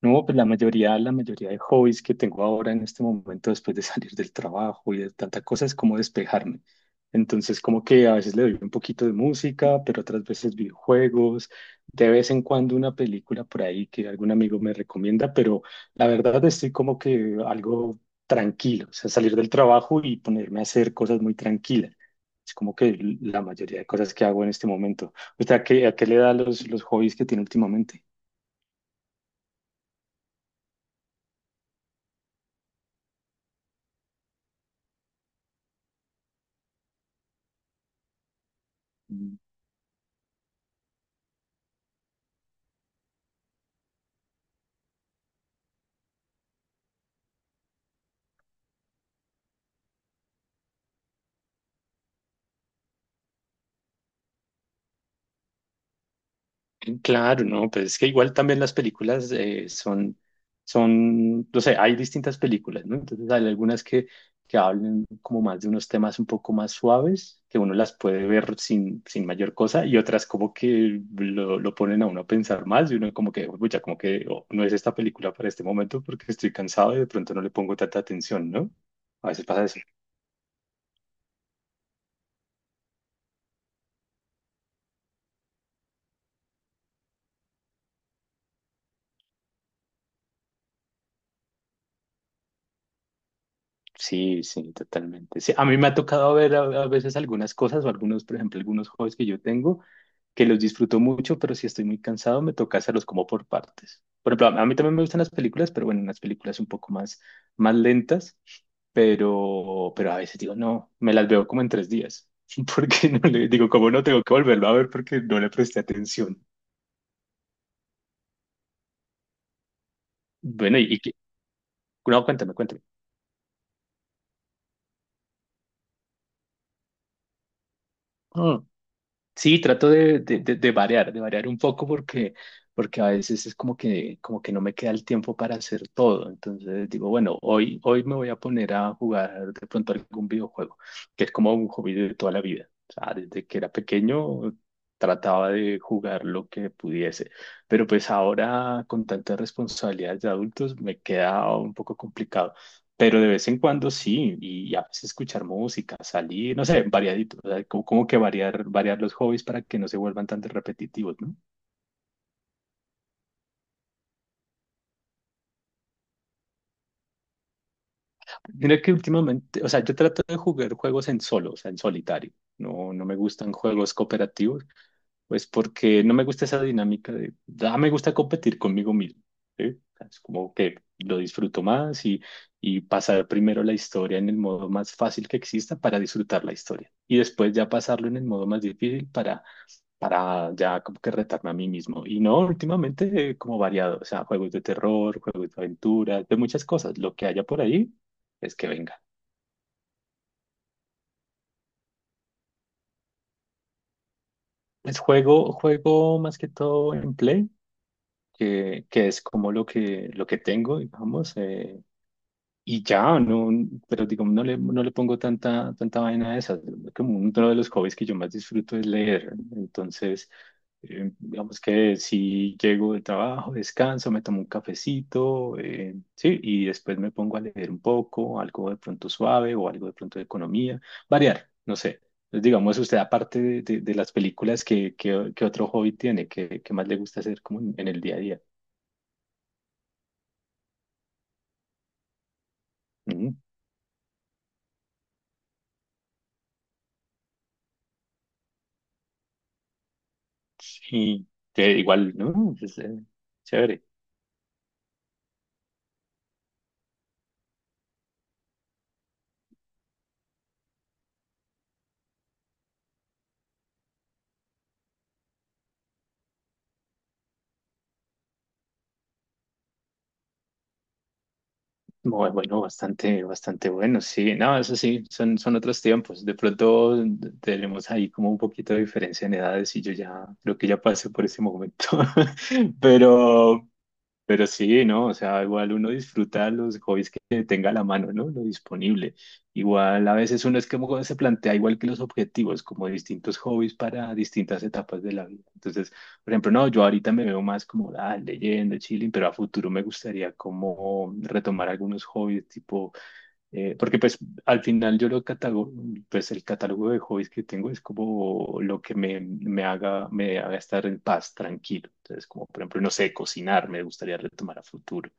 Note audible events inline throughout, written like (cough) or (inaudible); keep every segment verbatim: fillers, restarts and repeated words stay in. No, pues la mayoría, la mayoría de hobbies que tengo ahora en este momento después de (laughs) salir del trabajo y de tanta cosa es como despejarme. Entonces, como que a veces le doy un poquito de música, pero otras veces videojuegos, de vez en cuando una película por ahí que algún amigo me recomienda, pero la verdad estoy como que algo tranquilo, o sea, salir del trabajo y ponerme a hacer cosas muy tranquilas. Es como que la mayoría de cosas que hago en este momento. ¿Usted a qué, a qué le da los, los hobbies que tiene últimamente? Claro, no, pues es que igual también las películas eh, son, son, no sé, hay distintas películas, ¿no? Entonces hay algunas que, que hablan como más de unos temas un poco más suaves, que uno las puede ver sin, sin mayor cosa, y otras como que lo, lo ponen a uno a pensar más, y uno como que, uy, ya como que oh, no es esta película para este momento porque estoy cansado y de pronto no le pongo tanta atención, ¿no? A veces pasa eso. Sí, sí, totalmente. Sí, a mí me ha tocado ver a, a veces algunas cosas o algunos, por ejemplo, algunos hobbies que yo tengo que los disfruto mucho, pero si estoy muy cansado me toca hacerlos como por partes. Por ejemplo, a a mí también me gustan las películas, pero bueno, las películas un poco más, más lentas, pero, pero a veces digo, no, me las veo como en tres días, (laughs) porque no le digo, como no tengo que volverlo a ver porque no le presté atención. Bueno, y, y que- no, cuéntame, cuéntame. Sí, trato de, de, de- de variar, de variar un poco porque, porque a veces es como que, como que no me queda el tiempo para hacer todo. Entonces digo, bueno, hoy, hoy me voy a poner a jugar de pronto algún videojuego, que es como un hobby de toda la vida. O sea, desde que era pequeño trataba de jugar lo que pudiese, pero pues ahora con tantas responsabilidades de adultos me queda un poco complicado. Pero de vez en cuando sí, y a veces escuchar música, salir, no sé, variadito, o sea, como, como que variar, variar los hobbies para que no se vuelvan tan repetitivos, ¿no? Mira que últimamente, o sea, yo trato de jugar juegos en solo, o sea, en solitario, no, no me gustan juegos cooperativos, pues porque no me gusta esa dinámica de, ah, me gusta competir conmigo mismo, ¿sí? O sea, es como que lo disfruto más y, y pasar primero la historia en el modo más fácil que exista para disfrutar la historia y después ya pasarlo en el modo más difícil para para ya como que retarme a mí mismo. Y no, últimamente eh, como variado, o sea, juegos de terror, juegos de aventura, de muchas cosas. Lo que haya por ahí es que venga. Es juego, juego más que todo en Play, que, que es como lo que, lo que tengo, digamos. eh, Y ya, no, pero digamos, no le, no le pongo tanta, tanta vaina a esas. Como uno de los hobbies que yo más disfruto es leer. Entonces, eh, digamos que si llego del trabajo, descanso, me tomo un cafecito, eh, sí, y después me pongo a leer un poco, algo de pronto suave o algo de pronto de economía, variar, no sé. Entonces, digamos, usted aparte de, de- de las películas, ¿qué, qué, qué otro hobby tiene? ¿Qué, qué más le gusta hacer como en, en el día a día? Ujú. Sí, que igual, ¿no? es eh, chévere. Muy bueno, bastante, bastante bueno, sí. No, eso sí, son, son otros tiempos. De pronto tenemos ahí como un poquito de diferencia en edades y yo ya creo que ya pasé por ese momento. (laughs) Pero, pero sí, ¿no? O sea, igual uno disfruta los hobbies que tenga a la mano, ¿no? Lo disponible. Igual a veces uno es que como se plantea igual que los objetivos, como distintos hobbies para distintas etapas de la vida. Entonces, por ejemplo, no, yo ahorita me veo más como ah, leyendo, chilling, pero a futuro me gustaría como retomar algunos hobbies, tipo eh, porque pues al final yo lo catalogo, pues el catálogo de hobbies que tengo es como lo que me, me haga, me haga estar en paz, tranquilo. Entonces, como por ejemplo, no sé, cocinar, me gustaría retomar a futuro.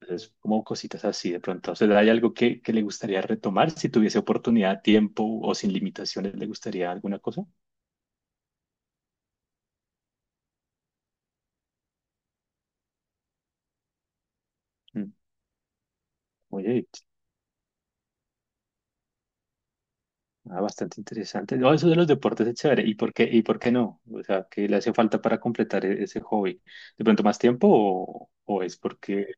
Entonces, como cositas así de pronto. O sea, ¿hay algo que, que le gustaría retomar si tuviese oportunidad, tiempo o sin limitaciones? ¿Le gustaría alguna cosa? Mm, oye, ah, bastante interesante. No, eso de los deportes es chévere. ¿Y por qué, y por qué no? O sea, ¿qué le hace falta para completar e- ese hobby? ¿De pronto más tiempo o, o es porque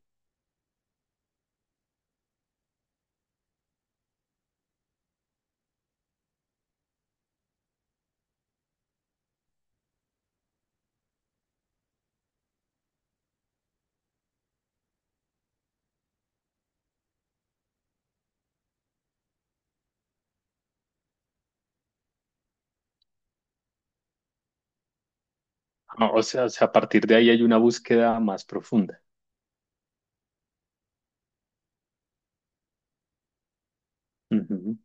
Ah, o sea, o sea, a partir de ahí hay una búsqueda más profunda. Ujú.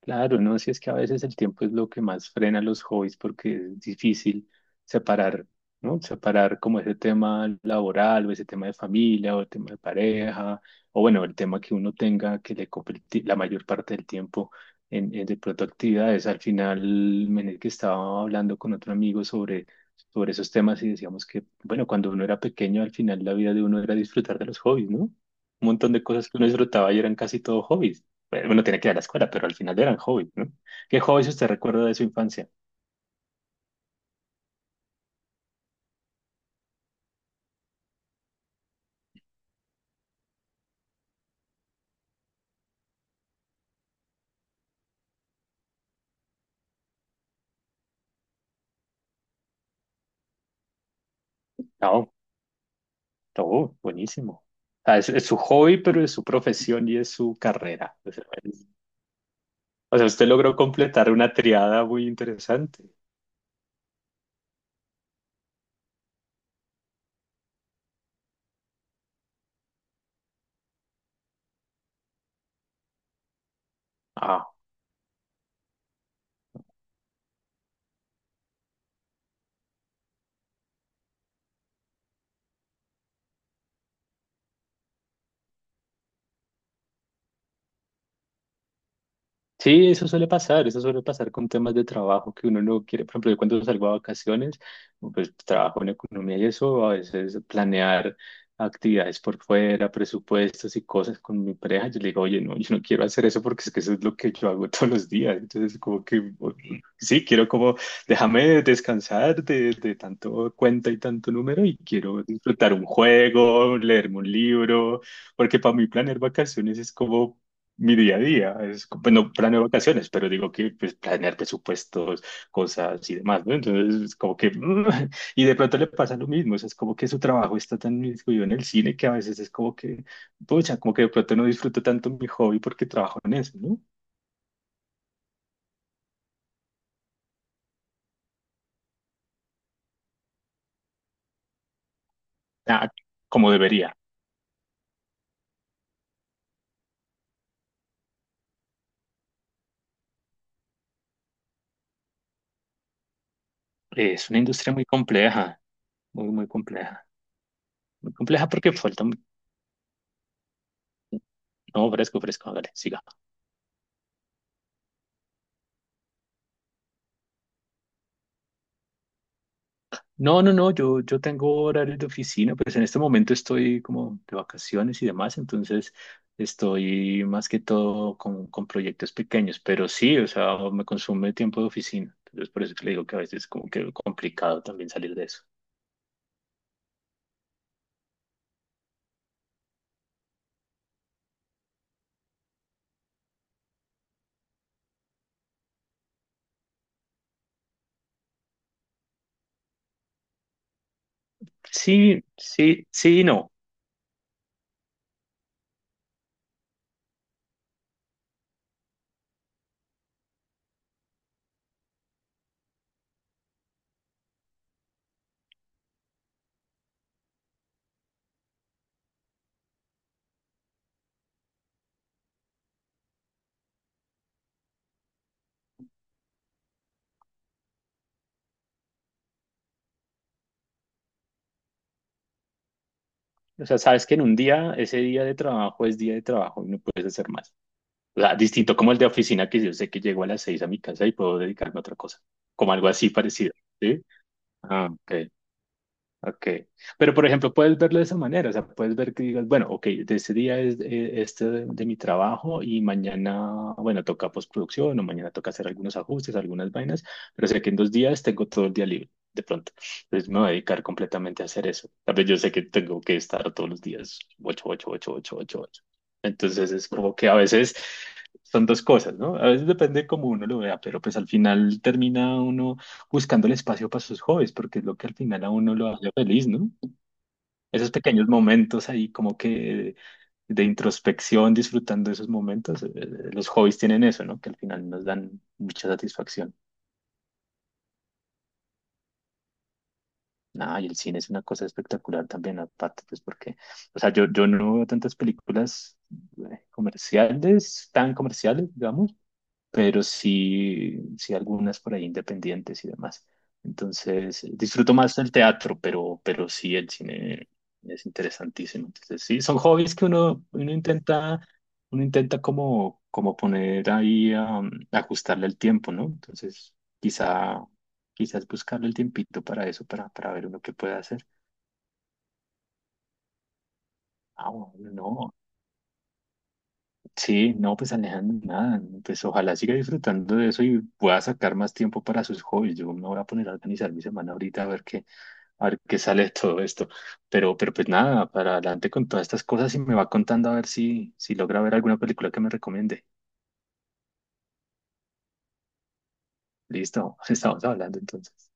Claro, no, si es que a veces el tiempo es lo que más frena los hobbies porque es difícil separar, ¿no? Separar como ese tema laboral o ese tema de familia o el tema de pareja o bueno, el tema que uno tenga que le ocupe el ti- la mayor parte del tiempo en, en de pronto actividades. Al final, en el que estaba hablando con otro amigo sobre, sobre esos temas y decíamos que, bueno, cuando uno era pequeño, al final la vida de uno era disfrutar de los hobbies, ¿no? Un montón de cosas que uno disfrutaba y eran casi todo hobbies. Bueno, uno tiene que ir a la escuela, pero al final eran hobbies, ¿no? ¿Qué hobbies usted recuerda de su infancia? No, todo, buenísimo. O sea, es, es su hobby, pero es su profesión y es su carrera. O sea, es- o sea, usted logró completar una triada muy interesante. Ah, sí, eso suele pasar, eso suele pasar con temas de trabajo que uno no quiere. Por ejemplo, yo cuando salgo a vacaciones, pues trabajo en economía y eso, a veces planear actividades por fuera, presupuestos y cosas con mi pareja, yo le digo, oye, no, yo no quiero hacer eso porque es que eso es lo que yo hago (laughs) todos los días. Entonces, como que, o- sí, quiero como, déjame descansar de, de tanto cuenta y tanto número y quiero disfrutar un juego, leerme un libro, porque para mí planear vacaciones es como mi día a día. Es, co- bueno, planeo vacaciones, pero digo que pues, planear presupuestos, cosas y demás, ¿no? Entonces, es como que, (laughs) mm, y de pronto le pasa lo mismo, o sea, es como que su trabajo está tan incluido en el cine que a veces es como que, pucha, como que de pronto no disfruto tanto mi hobby porque trabajo en eso, ¿no? Ah, como debería. Es una industria muy compleja, muy, muy compleja. Muy compleja porque falta... mu- No, fresco, fresco, hágale, siga. No, no, no, yo, yo tengo horarios de oficina, pues en este momento estoy como de vacaciones y demás, entonces estoy más que todo con, con proyectos pequeños, pero sí, o sea, me consume tiempo de oficina, entonces por eso que le digo que a veces es como que complicado también salir de eso. Sí, sí, sí, y no. O sea, sabes que en un día, ese día de trabajo es día de trabajo y no puedes hacer más. O sea, distinto como el de oficina que yo sé que llego a las seis a mi casa y puedo dedicarme a otra cosa, como algo así parecido, ¿sí? Ah, ok. Ok, pero por ejemplo, puedes verlo de esa manera, o sea, puedes ver que digas, bueno, ok, de ese día es eh, este de, de mi trabajo y mañana, bueno, toca postproducción o mañana toca hacer algunos ajustes, algunas vainas, pero sé que en dos días tengo todo el día libre, de pronto. Entonces me voy a dedicar completamente a hacer eso. Tal vez yo sé que tengo que estar todos los días, ocho, ocho, ocho, ocho, ocho, ocho. Entonces es como que a veces son dos cosas, ¿no? A veces depende cómo uno lo vea, pero pues al final termina uno buscando el espacio para sus hobbies, porque es lo que al final a uno lo hace feliz, ¿no? Esos pequeños momentos ahí como que de introspección, disfrutando de esos momentos, eh, eh, los hobbies tienen eso, ¿no? Que al final nos dan mucha satisfacción. Ah, y el cine es una cosa espectacular también, aparte, pues porque, o sea, yo, yo no veo tantas películas eh, comerciales, tan comerciales, digamos, pero sí, sí algunas por ahí independientes y demás. Entonces, disfruto más el teatro, pero, pero sí el cine es interesantísimo. Entonces, sí, son hobbies que uno, uno intenta, uno intenta como, como poner ahí, um, ajustarle el tiempo, ¿no? Entonces, quizá, quizás buscarle el tiempito para eso, para, para ver uno qué puede hacer. Ah, bueno, no. Sí, no, pues Alejandro, nada, pues ojalá siga disfrutando de eso y pueda sacar más tiempo para sus hobbies. Yo me voy a poner a organizar mi semana ahorita a ver qué, a ver qué sale de todo esto. Pero, pero pues nada, para adelante con todas estas cosas y me va contando a ver si, si logra ver alguna película que me recomiende. Listo, (laughs) estamos hablando entonces.